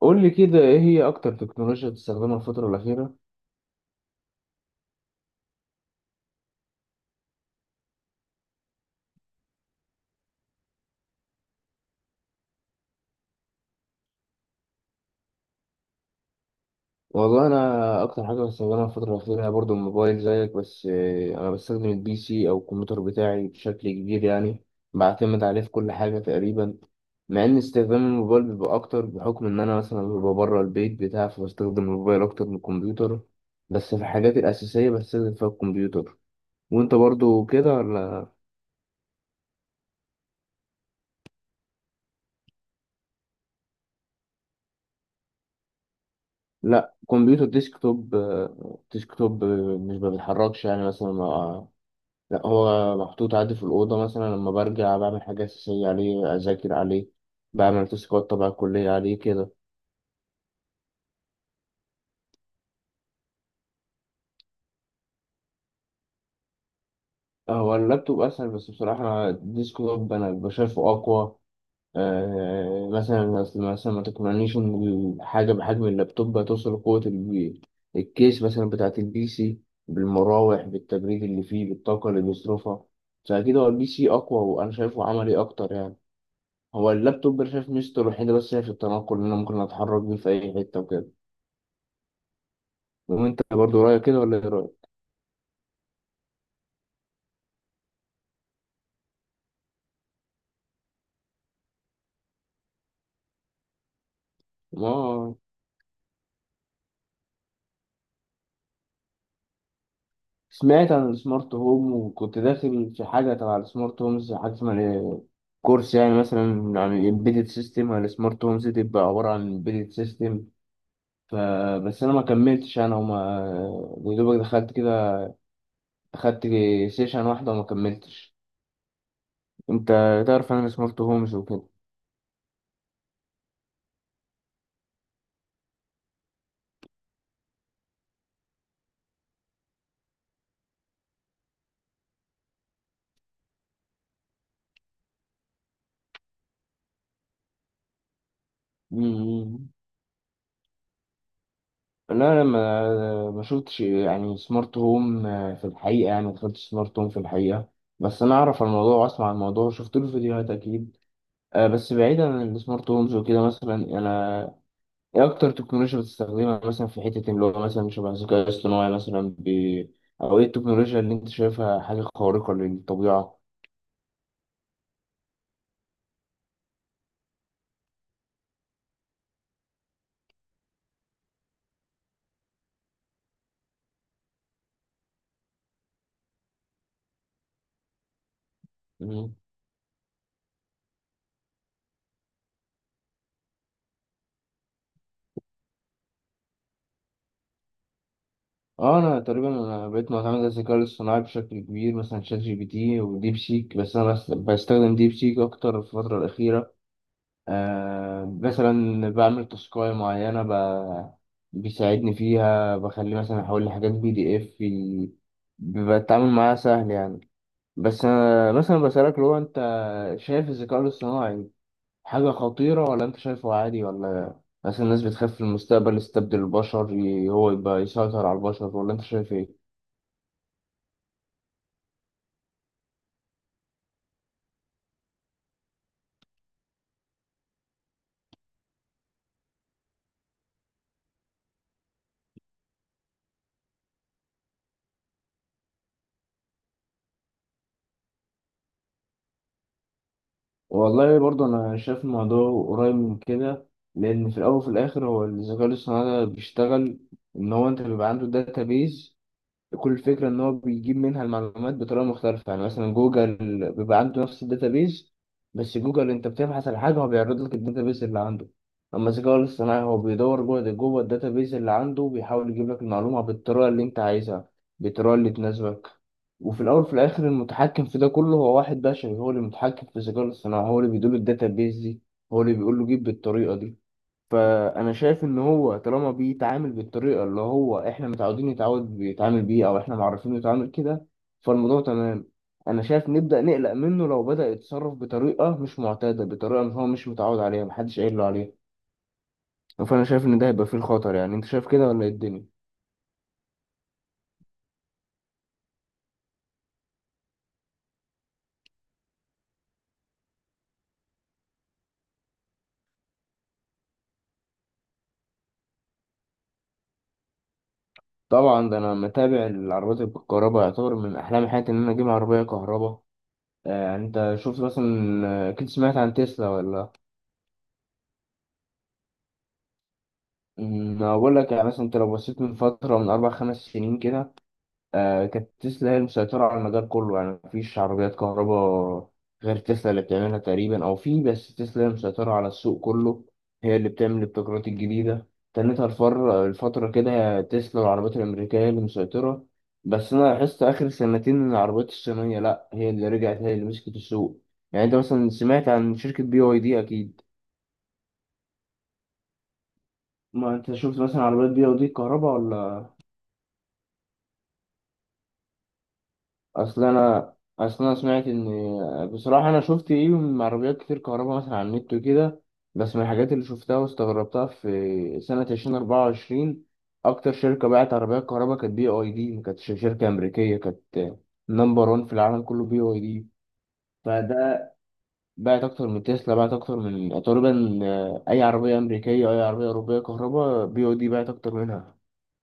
قول لي كده ايه هي اكتر تكنولوجيا بتستخدمها الفترة الأخيرة؟ والله انا اكتر حاجة بستخدمها الفترة الأخيرة هي برضو الموبايل زيك بس انا بستخدم البي سي او الكمبيوتر بتاعي بشكل كبير يعني بعتمد عليه في كل حاجة تقريبا. مع ان استخدام الموبايل بيبقى اكتر بحكم ان انا مثلا ببقى بره البيت بتاعي فبستخدم الموبايل اكتر من الكمبيوتر، بس في الحاجات الأساسية بستخدم فيها الكمبيوتر. وانت برضو كده ولا؟ لا، كمبيوتر ديسكتوب، ديسكتوب، مش ما بيتحركش يعني مثلا، لا هو محطوط عندي في الأوضة، مثلا لما برجع بعمل حاجة أساسية عليه، أذاكر عليه، بعمل تاسكات تبع الكلية عليه كده. هو اللابتوب أسهل بس بصراحة أنا الديسكتوب أنا بشايفه أقوى. آه مثلا، أصل مثلا ما تقنعنيش إن الحاجة بحجم اللابتوب هتوصل لقوة الكيس مثلا بتاعة البي سي، بالمراوح، بالتبريد اللي فيه، بالطاقة اللي بيصرفها. فأكيد هو البي سي أقوى وأنا شايفه عملي أكتر يعني. هو اللابتوب انا شايف ميزته الوحيدة بس هي في التنقل، إن أنا ممكن أتحرك بيه في أي حتة وكده. وأنت برضه رأيك كده ولا إيه رأيك؟ ما سمعت عن السمارت هوم وكنت داخل في حاجة تبع السمارت هومز، حاجة اسمها إيه؟ كورس يعني مثلا، عن الإمبيدد سيستم. عن السمارت هومز، دي بتبقى عبارة عن إمبيدد سيستم. فبس أنا ما كملتش، أنا وما يا دوبك دخلت كده، أخدت سيشن واحدة وما كملتش. أنت تعرف عن السمارت هومز وكده؟ مم. لا، لما ما شفتش يعني سمارت هوم، في الحقيقة يعني ما دخلتش سمارت هوم في الحقيقة، بس أنا أعرف عن الموضوع وأسمع عن الموضوع، شفت له فيديوهات أكيد. بس بعيدا عن السمارت هومز وكده، مثلا أنا إيه أكتر تكنولوجيا بتستخدمها مثلا في حتة اللي هو مثلا شبه الذكاء الاصطناعي مثلا أو إيه التكنولوجيا اللي أنت شايفها حاجة خارقة للطبيعة؟ مم. اه، انا تقريبا بقيت معتمد على الذكاء الاصطناعي بشكل كبير، مثلا شات جي بي تي وديب سيك، بس انا بستخدم ديب سيك اكتر في الفتره الاخيره. آه مثلا بعمل تاسكاية معينة بيساعدني فيها، بخليه مثلا أحول لحاجات بي دي إف، بيبقى التعامل معاها سهل يعني. بس أنا مثلا بسألك، لو أنت شايف الذكاء الاصطناعي حاجة خطيرة ولا أنت شايفه عادي ولا؟ مثلا الناس بتخاف في المستقبل يستبدل البشر، هو يبقى يسيطر على البشر، ولا أنت شايف إيه؟ والله برضه أنا شايف الموضوع قريب من كده. لأن في الأول وفي الآخر هو الذكاء الاصطناعي ده بيشتغل إن هو أنت بيبقى عنده داتابيز، كل الفكرة إن هو بيجيب منها المعلومات بطريقة مختلفة. يعني مثلا جوجل بيبقى عنده نفس الداتابيز، بس جوجل أنت بتبحث على حاجة هو بيعرض لك الداتابيز اللي عنده. أما الذكاء الاصطناعي هو بيدور جوه الداتابيز اللي عنده وبيحاول يجيب لك المعلومة بالطريقة اللي أنت عايزها، بالطريقة اللي تناسبك. وفي الأول وفي الآخر المتحكم في ده كله هو واحد بشري، هو اللي متحكم في الذكاء الاصطناعي، هو اللي بيدير الداتابيز دي، هو اللي بيقول له جيب بالطريقة دي. فانا شايف ان هو طالما بيتعامل بالطريقه اللي هو احنا متعودين يتعود بيتعامل بيه او احنا معرفين يتعامل كده، فالموضوع تمام. انا شايف نبدا نقلق منه لو بدا يتصرف بطريقه مش معتاده، بطريقه إن هو مش متعود عليها، محدش قايل له عليها. فانا شايف ان ده هيبقى فيه الخطر يعني. انت شايف كده ولا إيه الدنيا؟ طبعا، ده انا متابع العربيات الكهرباء، يعتبر من احلام حياتي ان انا اجيب عربيه كهرباء. يعني انت شفت مثلا، اكيد سمعت عن تسلا ولا؟ أمم، انا بقول لك يعني مثلا، انت لو بصيت من فتره من اربع خمس سنين كده، آه كانت تسلا هي المسيطرة على المجال كله، يعني مفيش عربيات كهرباء غير تسلا اللي بتعملها تقريبا، أو في بس تسلا هي المسيطرة على السوق كله، هي اللي بتعمل الابتكارات الجديدة. تنتهى الفر الفترة كده هي تسلا والعربيات الأمريكية هي اللي مسيطرة. بس أنا لاحظت آخر سنتين إن العربيات الصينية لأ، هي اللي رجعت، هي اللي مسكت السوق. يعني أنت مثلا سمعت عن شركة بي واي دي أكيد. ما أنت شفت مثلا عربيات بي واي دي الكهرباء؟ اصل انا اصل انا سمعت ان، بصراحه انا شفت ايه من عربيات كتير كهرباء مثلا على النت وكده، بس من الحاجات اللي شفتها واستغربتها في سنه 2024 اكتر شركه باعت عربيات كهرباء كانت بي اي دي، ما كانتش شركه امريكيه، كانت نمبر 1 في العالم كله بي اي دي. فده باعت اكتر من تسلا، باعت اكتر من تقريبا اي عربيه امريكيه، اي عربيه اوروبيه كهرباء بي اي دي باعت اكتر منها.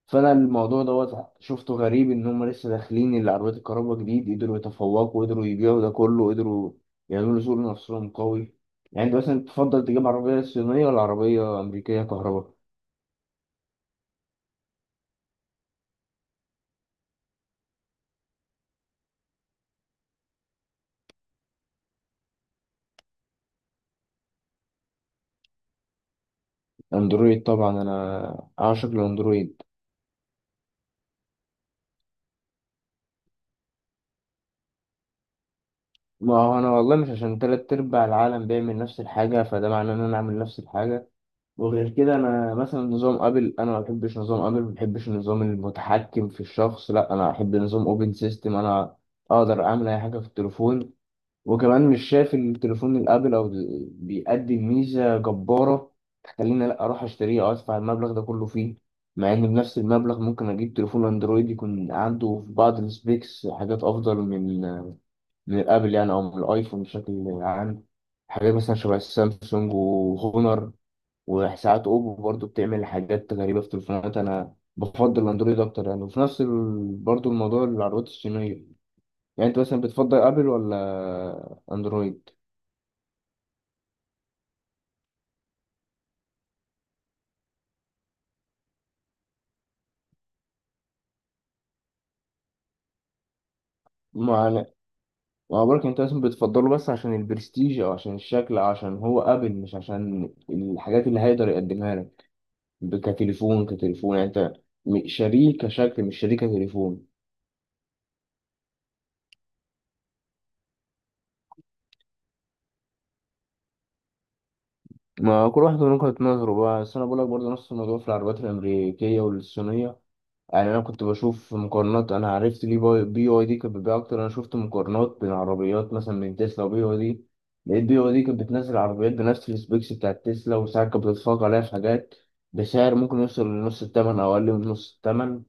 فانا الموضوع دوت شفته غريب، ان هم لسه داخلين اللي عربيات الكهرباء جديد، قدروا يتفوقوا، قدروا يبيعوا ده كله، قدروا يعملوا سوق لنفسهم قوي. يعني انت مثلا تفضل تجيب عربية صينية ولا عربية أمريكية كهرباء؟ اندرويد طبعا، انا اعشق الاندرويد. ما هو انا والله مش عشان تلات ارباع العالم بيعمل نفس الحاجة فده معناه ان انا اعمل نفس الحاجة. وغير كده انا مثلا نظام ابل انا ما بحبش، نظام ابل ما بحبش النظام المتحكم في الشخص، لا انا احب نظام اوبن سيستم، انا اقدر اعمل اي حاجه في التليفون. وكمان مش شايف التليفون الابل او بيقدم ميزه جباره تخليني لا اروح اشتريه او ادفع المبلغ ده كله فيه، مع ان بنفس المبلغ ممكن اجيب تليفون اندرويد يكون عنده في بعض السبيكس حاجات افضل من من الابل يعني، او من الايفون بشكل عام. حاجات مثلا شبه السامسونج وهونر، وساعات اوبو برضو بتعمل حاجات غريبه في تليفونات. انا بفضل الاندرويد اكتر يعني، وفي نفس برضو الموضوع العربيات الصينيه. يعني انت مثلا بتفضل ابل ولا اندرويد؟ مع مع بالك انت مثلا بتفضله بس عشان البرستيج او عشان الشكل أو عشان هو ابل، مش عشان الحاجات اللي هيقدر يقدمها لك كتليفون، كتليفون يعني. انت شاريه كشكل مش شاريه كتليفون. ما كل واحد له نقطة نظره بقى، بس أنا بقولك برضه نفس الموضوع في العربيات الأمريكية والصينية. يعني انا كنت بشوف مقارنات، انا عرفت ليه بي واي دي كانت بتبيع اكتر. انا شفت مقارنات بين عربيات مثلا من تسلا وبي واي دي، لقيت بي واي دي كانت بتنزل عربيات بنفس السبيكس بتاعت تسلا وساعات كانت بتتفوق عليها في حاجات، بسعر ممكن يوصل لنص الثمن او اقل من نص الثمن.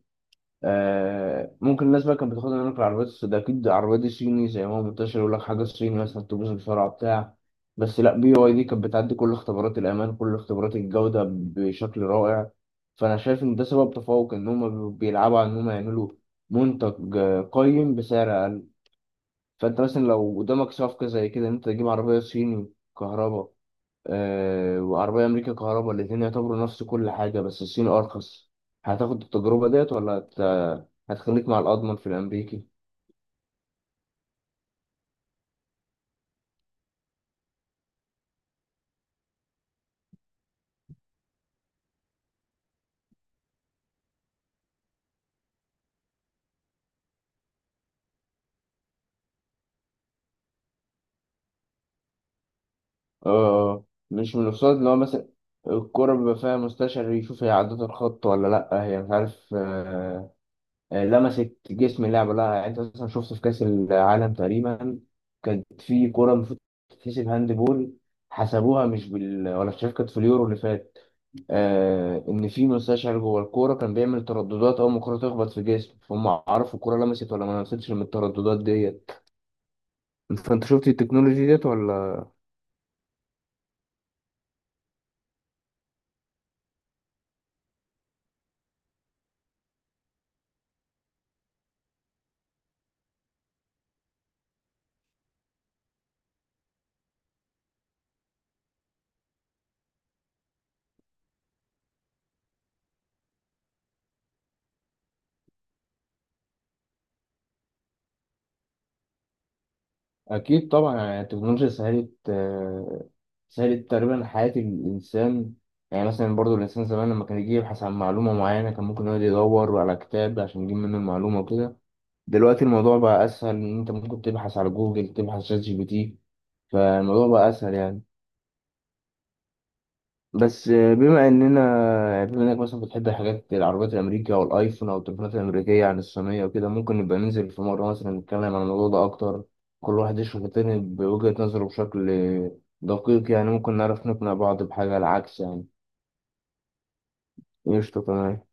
آه ممكن الناس بقى كانت بتاخدها منك، العربيات السوداء اكيد، العربيات الصيني زي ما هو منتشر يقول لك حاجه صيني مثلا تبوظ بسرعه بتاع، بس لا، بي واي دي كانت بتعدي كل اختبارات الامان، كل اختبارات الجوده بشكل رائع. فانا شايف ان ده سبب تفوق، ان هم بيلعبوا على ان هم يعملوا منتج قيم بسعر اقل. فانت مثلا لو قدامك صفقه زي كده ان انت تجيب عربيه صيني كهرباء، وعربية أمريكا كهرباء، الاتنين يعتبروا نفس كل حاجة بس الصيني أرخص، هتاخد التجربة ديت ولا هتخليك مع الأضمن في الأمريكي؟ آه، مش من الأقساط اللي هو مثلا الكرة بيبقى فيها مستشعر يشوف هي عدت الخط ولا لأ، هي مش عارف، لمست جسم اللاعب ولا لأ يعني. أنت مثلا شفت في كأس العالم تقريبا كانت في كرة المفروض تتحسب هاند بول، حسبوها مش بال ولا مش عارف، كانت في اليورو اللي فات. آه ان في مستشعر جوه الكوره كان بيعمل ترددات، اول ما الكوره تخبط في جسمه فهم عرفوا الكوره لمست ولا ما لمستش من الترددات ديت. فانت شفت التكنولوجي ديت ولا؟ اكيد طبعا، يعني التكنولوجيا سهلت سهلت تقريبا حياه الانسان. يعني مثلا برضو الانسان زمان لما كان يجي يبحث عن معلومه معينه كان ممكن يقعد يدور على كتاب عشان يجيب منه المعلومه وكده، دلوقتي الموضوع بقى اسهل، ان انت ممكن تبحث على جوجل، تبحث شات جي بي تي، فالموضوع بقى اسهل يعني. بس بما اننا يعني بما انك مثلا بتحب الحاجات العربيات الامريكيه او الايفون او التليفونات الامريكيه عن الصينيه وكده، ممكن نبقى ننزل في مره مثلا نتكلم عن الموضوع ده اكتر، كل واحد يشوف التاني بوجهه نظره بشكل دقيق يعني، ممكن نعرف نقنع بعض بحاجه العكس يعني. قشطه تمام.